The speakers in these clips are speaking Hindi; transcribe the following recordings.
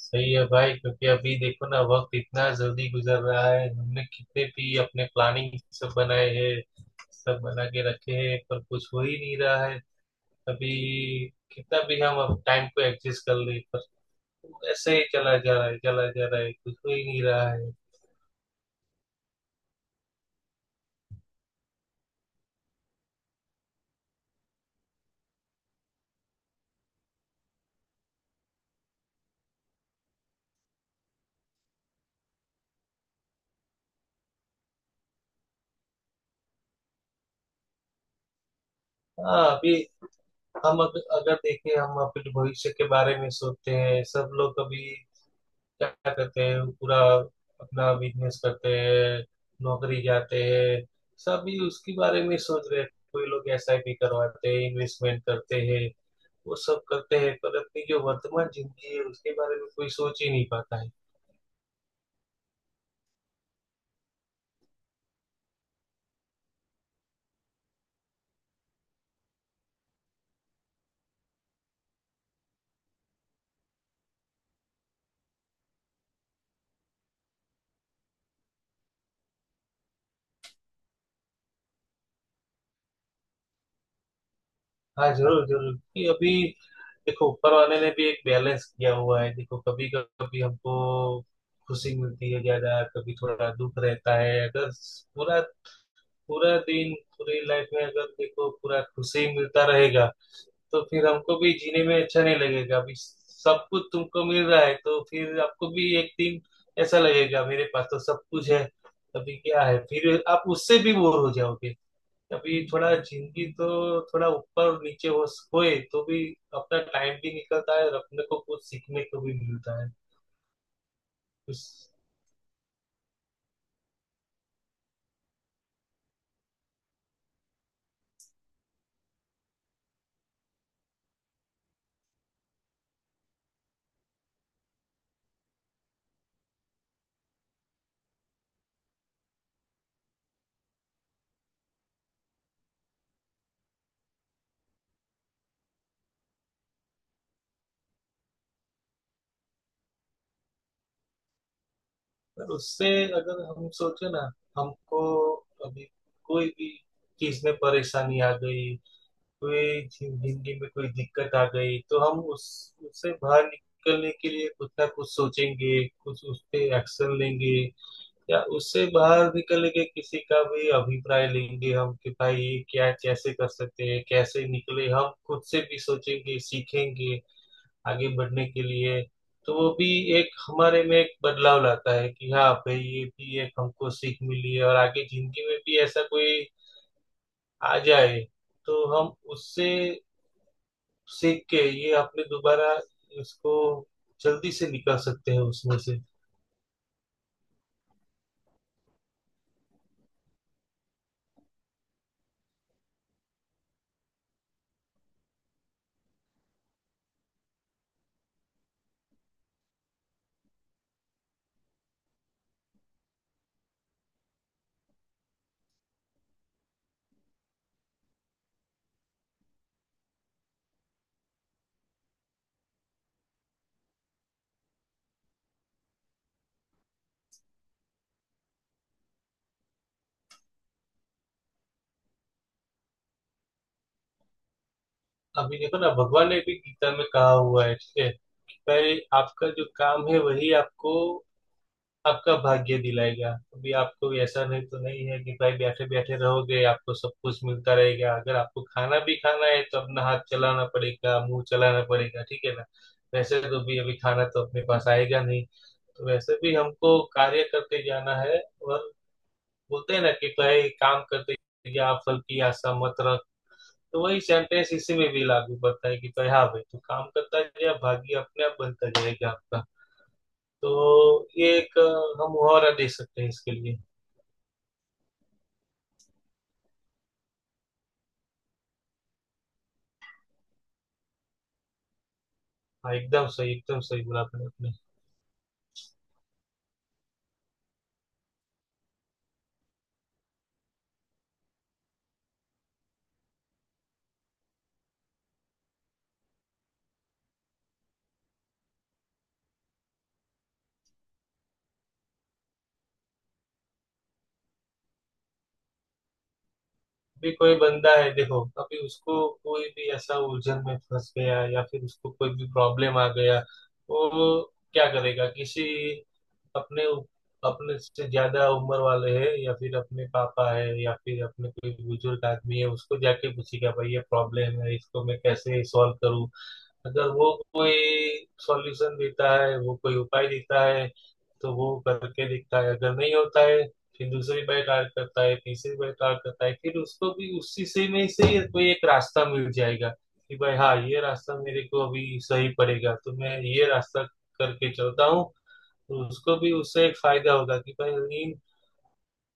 सही है भाई। क्योंकि अभी देखो ना, वक्त इतना जल्दी गुजर रहा है। हमने कितने भी अपने प्लानिंग सब बनाए हैं, सब बना के रखे हैं, पर कुछ हो ही नहीं रहा है। अभी कितना भी हम अब टाइम को एडजस्ट कर ले, पर ऐसे ही चला जा रहा है, चला जा रहा है, कुछ हो ही नहीं रहा है। हाँ, अभी हम अगर देखें, हम अपने भविष्य के बारे में सोचते हैं। सब लोग अभी क्या करते हैं? पूरा अपना बिजनेस करते हैं, नौकरी जाते हैं, सभी उसके बारे में सोच रहे हैं। कोई लोग एसआईपी करवाते हैं, इन्वेस्टमेंट करते हैं, वो सब करते हैं, पर अपनी जो वर्तमान जिंदगी है उसके बारे में कोई सोच ही नहीं पाता है। हाँ, जरूर जरूर। कि अभी देखो, ऊपर वाले ने भी एक बैलेंस किया हुआ है। देखो, कभी कभी हमको खुशी मिलती है ज्यादा, कभी थोड़ा दुख रहता है। अगर पूरा पूरा दिन, पूरी लाइफ में अगर देखो पूरा खुशी मिलता रहेगा, तो फिर हमको भी जीने में अच्छा नहीं लगेगा। अभी सब कुछ तुमको मिल रहा है तो फिर आपको भी एक दिन ऐसा लगेगा, मेरे पास तो सब कुछ है अभी क्या है, फिर आप उससे भी बोर हो जाओगे। अभी थोड़ा जिंदगी तो थोड़ा ऊपर नीचे हो होए तो भी अपना टाइम भी निकलता है और अपने को कुछ सीखने को भी मिलता है। उस और उससे अगर हम सोचे ना, हमको अभी कोई भी चीज में परेशानी आ गई, कोई जिंदगी में कोई दिक्कत आ गई, तो हम उस उससे बाहर निकलने के लिए कुछ ना कुछ सोचेंगे, कुछ उस पे एक्शन लेंगे, या उससे बाहर निकलने के किसी का भी अभिप्राय लेंगे हम, कि भाई ये क्या, कैसे कर सकते हैं, कैसे निकले, हम खुद से भी सोचेंगे, सीखेंगे आगे बढ़ने के लिए। तो वो भी एक हमारे में एक बदलाव लाता है कि हाँ भाई, ये भी एक हमको सीख मिली है, और आगे जिंदगी में भी ऐसा कोई आ जाए तो हम उससे सीख के ये आपने दोबारा इसको जल्दी से निकाल सकते हैं उसमें से। अभी देखो ना, भगवान ने भी गीता में कहा हुआ है, ठीक है, कि भाई आपका जो काम है वही आपको, आपका भाग्य दिलाएगा। अभी आपको ऐसा नहीं तो नहीं है कि भाई बैठे बैठे रहोगे आपको सब कुछ मिलता रहेगा। अगर आपको खाना भी खाना है तो अपना हाथ चलाना पड़ेगा, मुंह चलाना पड़ेगा, ठीक है ना? वैसे तो भी अभी खाना तो अपने पास आएगा नहीं, तो वैसे भी हमको कार्य करते जाना है। और बोलते हैं ना कि कई काम करते, या फल की आशा मत रख, तो वही सेंटेंस इसी में भी लागू पड़ता है कि भाई, हाँ भाई, तू काम करता जाए, भाग्य अपने आप बनता जाएगा आपका। तो ये एक हम मुहावरा दे सकते हैं इसके लिए। हाँ, एकदम सही, एकदम सही बोला आपने आपने। भी कोई बंदा है, देखो अभी उसको कोई भी ऐसा उलझन में फंस गया, या फिर उसको कोई भी प्रॉब्लम आ गया, वो क्या करेगा? किसी अपने अपने से ज्यादा उम्र वाले है या फिर अपने पापा है या फिर अपने कोई बुजुर्ग आदमी है, उसको जाके पूछेगा, भाई ये प्रॉब्लम है, इसको मैं कैसे सॉल्व करूँ? अगर वो कोई सॉल्यूशन देता है, वो कोई उपाय देता है, तो वो करके देखता है। अगर नहीं होता है, फिर दूसरी बार ट्राई करता है, तीसरी बार ट्राई करता है, फिर उसको भी उसी से में से ही कोई एक रास्ता मिल जाएगा, कि भाई हाँ, ये रास्ता मेरे को अभी सही पड़ेगा तो मैं ये रास्ता करके चलता हूँ। तो उसको भी उससे एक फायदा होगा कि भाई इन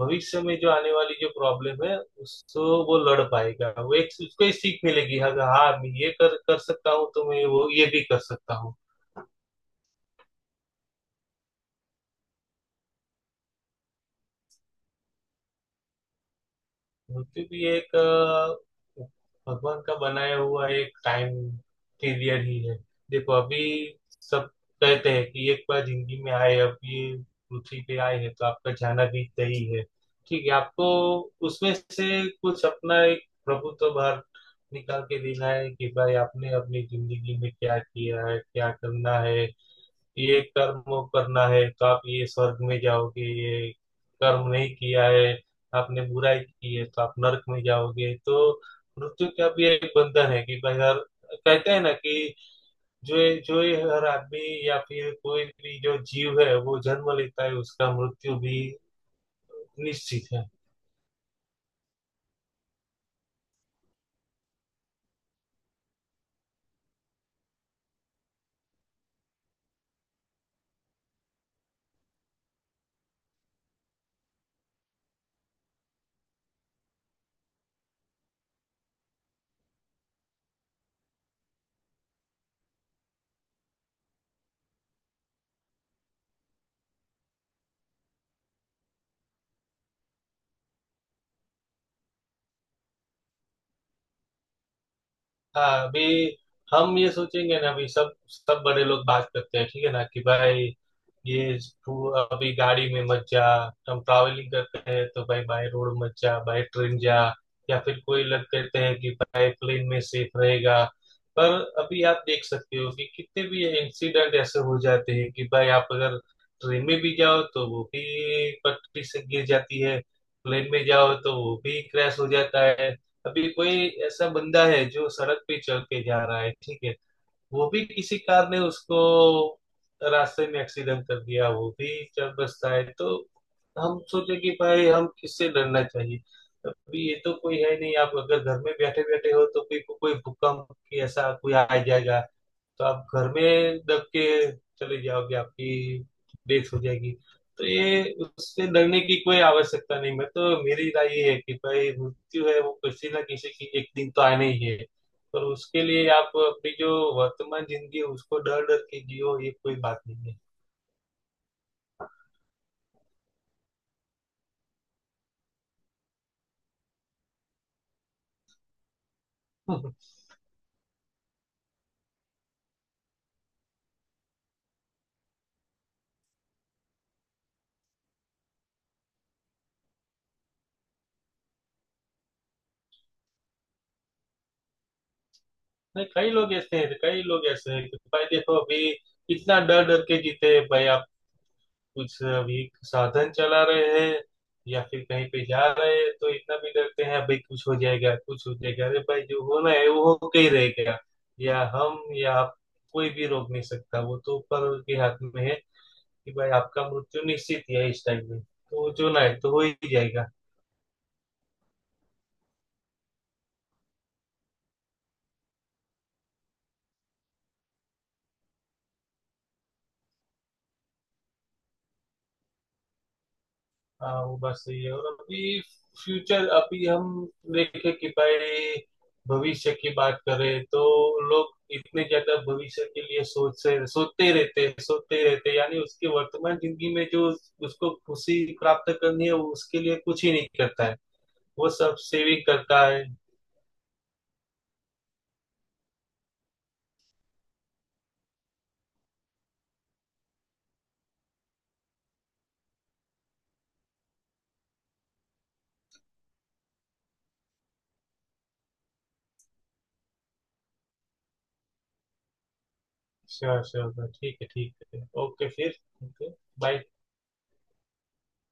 भविष्य में जो आने वाली जो प्रॉब्लम है, उसको वो लड़ पाएगा, वो एक उसको एक सीख मिलेगी, हाँ हाँ मैं ये कर कर सकता हूँ, तो मैं वो ये भी कर सकता हूँ। मूर्ति भी एक अ, भगवान का बनाया हुआ एक टाइम पीरियड ही है। देखो अभी सब कहते हैं कि एक बार जिंदगी में आए, अब ये पृथ्वी पे आए हैं तो आपका जाना भी तय है। ठीक है, आपको उसमें से कुछ अपना एक प्रभुत्व बाहर निकाल के देना है कि भाई आपने अपनी जिंदगी में क्या किया है, क्या करना है। ये कर्म करना है तो आप ये स्वर्ग में जाओगे, ये कर्म नहीं किया है, आपने बुराई की है तो आप नरक में जाओगे। तो मृत्यु का भी एक बंधन है कि भाई हर, कहते हैं ना कि जो ये हर आदमी या फिर कोई भी जो जीव है वो जन्म लेता है, उसका मृत्यु भी निश्चित है। हाँ, अभी हम ये सोचेंगे ना, अभी सब सब बड़े लोग बात करते हैं, ठीक है ना, कि भाई ये तू अभी गाड़ी में मत जा, हम ट्रैवलिंग करते हैं तो भाई बाय रोड मत जा, बाय ट्रेन जा। या फिर कोई लोग कहते हैं कि भाई प्लेन में सेफ रहेगा। पर अभी आप देख सकते हो कि कितने भी इंसिडेंट ऐसे हो जाते हैं कि भाई आप अगर ट्रेन में भी जाओ तो वो भी पटरी से गिर जाती है, प्लेन में जाओ तो वो भी क्रैश हो जाता है। अभी कोई ऐसा बंदा है जो सड़क पे चल के जा रहा है, ठीक है, वो भी किसी कार ने उसको रास्ते में एक्सीडेंट कर दिया, वो भी चल बसता है। तो हम सोचे कि भाई हम किससे डरना चाहिए? अभी ये तो कोई है नहीं। आप अगर घर में बैठे बैठे हो तो भी कोई भूकंप की ऐसा कोई आ जाएगा, तो आप घर में दब के चले जाओगे, आपकी डेथ हो जाएगी। तो ये उससे डरने की कोई आवश्यकता नहीं। मैं तो, मेरी राय ये है कि भाई मृत्यु है, वो किसी ना किसी की एक दिन तो आनी ही है। पर उसके लिए आप अपनी जो वर्तमान जिंदगी है, उसको डर डर के जियो, ये कोई बात नहीं है। नहीं, कई लोग ऐसे हैं, कई लोग ऐसे हैं कि भाई देखो अभी कितना डर डर के जीते हैं भाई, कुछ अभी साधन चला रहे हैं या फिर कहीं पे जा रहे हैं, तो इतना भी डरते हैं भाई कुछ हो जाएगा, कुछ हो जाएगा। अरे भाई, जो होना है वो होके ही रहेगा। या हम या आप, कोई भी रोक नहीं सकता, वो तो ऊपर के हाथ में है कि भाई आपका मृत्यु निश्चित ही है, इस टाइम में तो जो ना है तो हो ही जाएगा। हाँ, वो बात सही है। और अभी फ्यूचर, अभी हम देखें कि भाई भविष्य की बात करें, तो लोग इतने ज्यादा भविष्य के लिए सोच से सोचते रहते हैं, सोचते रहते हैं, यानी उसके वर्तमान जिंदगी में जो उसको खुशी प्राप्त करनी है वो उसके लिए कुछ ही नहीं करता है, वो सब सेविंग करता है। श्योर श्योर, ठीक है ठीक है, ओके फिर। Okay, bye.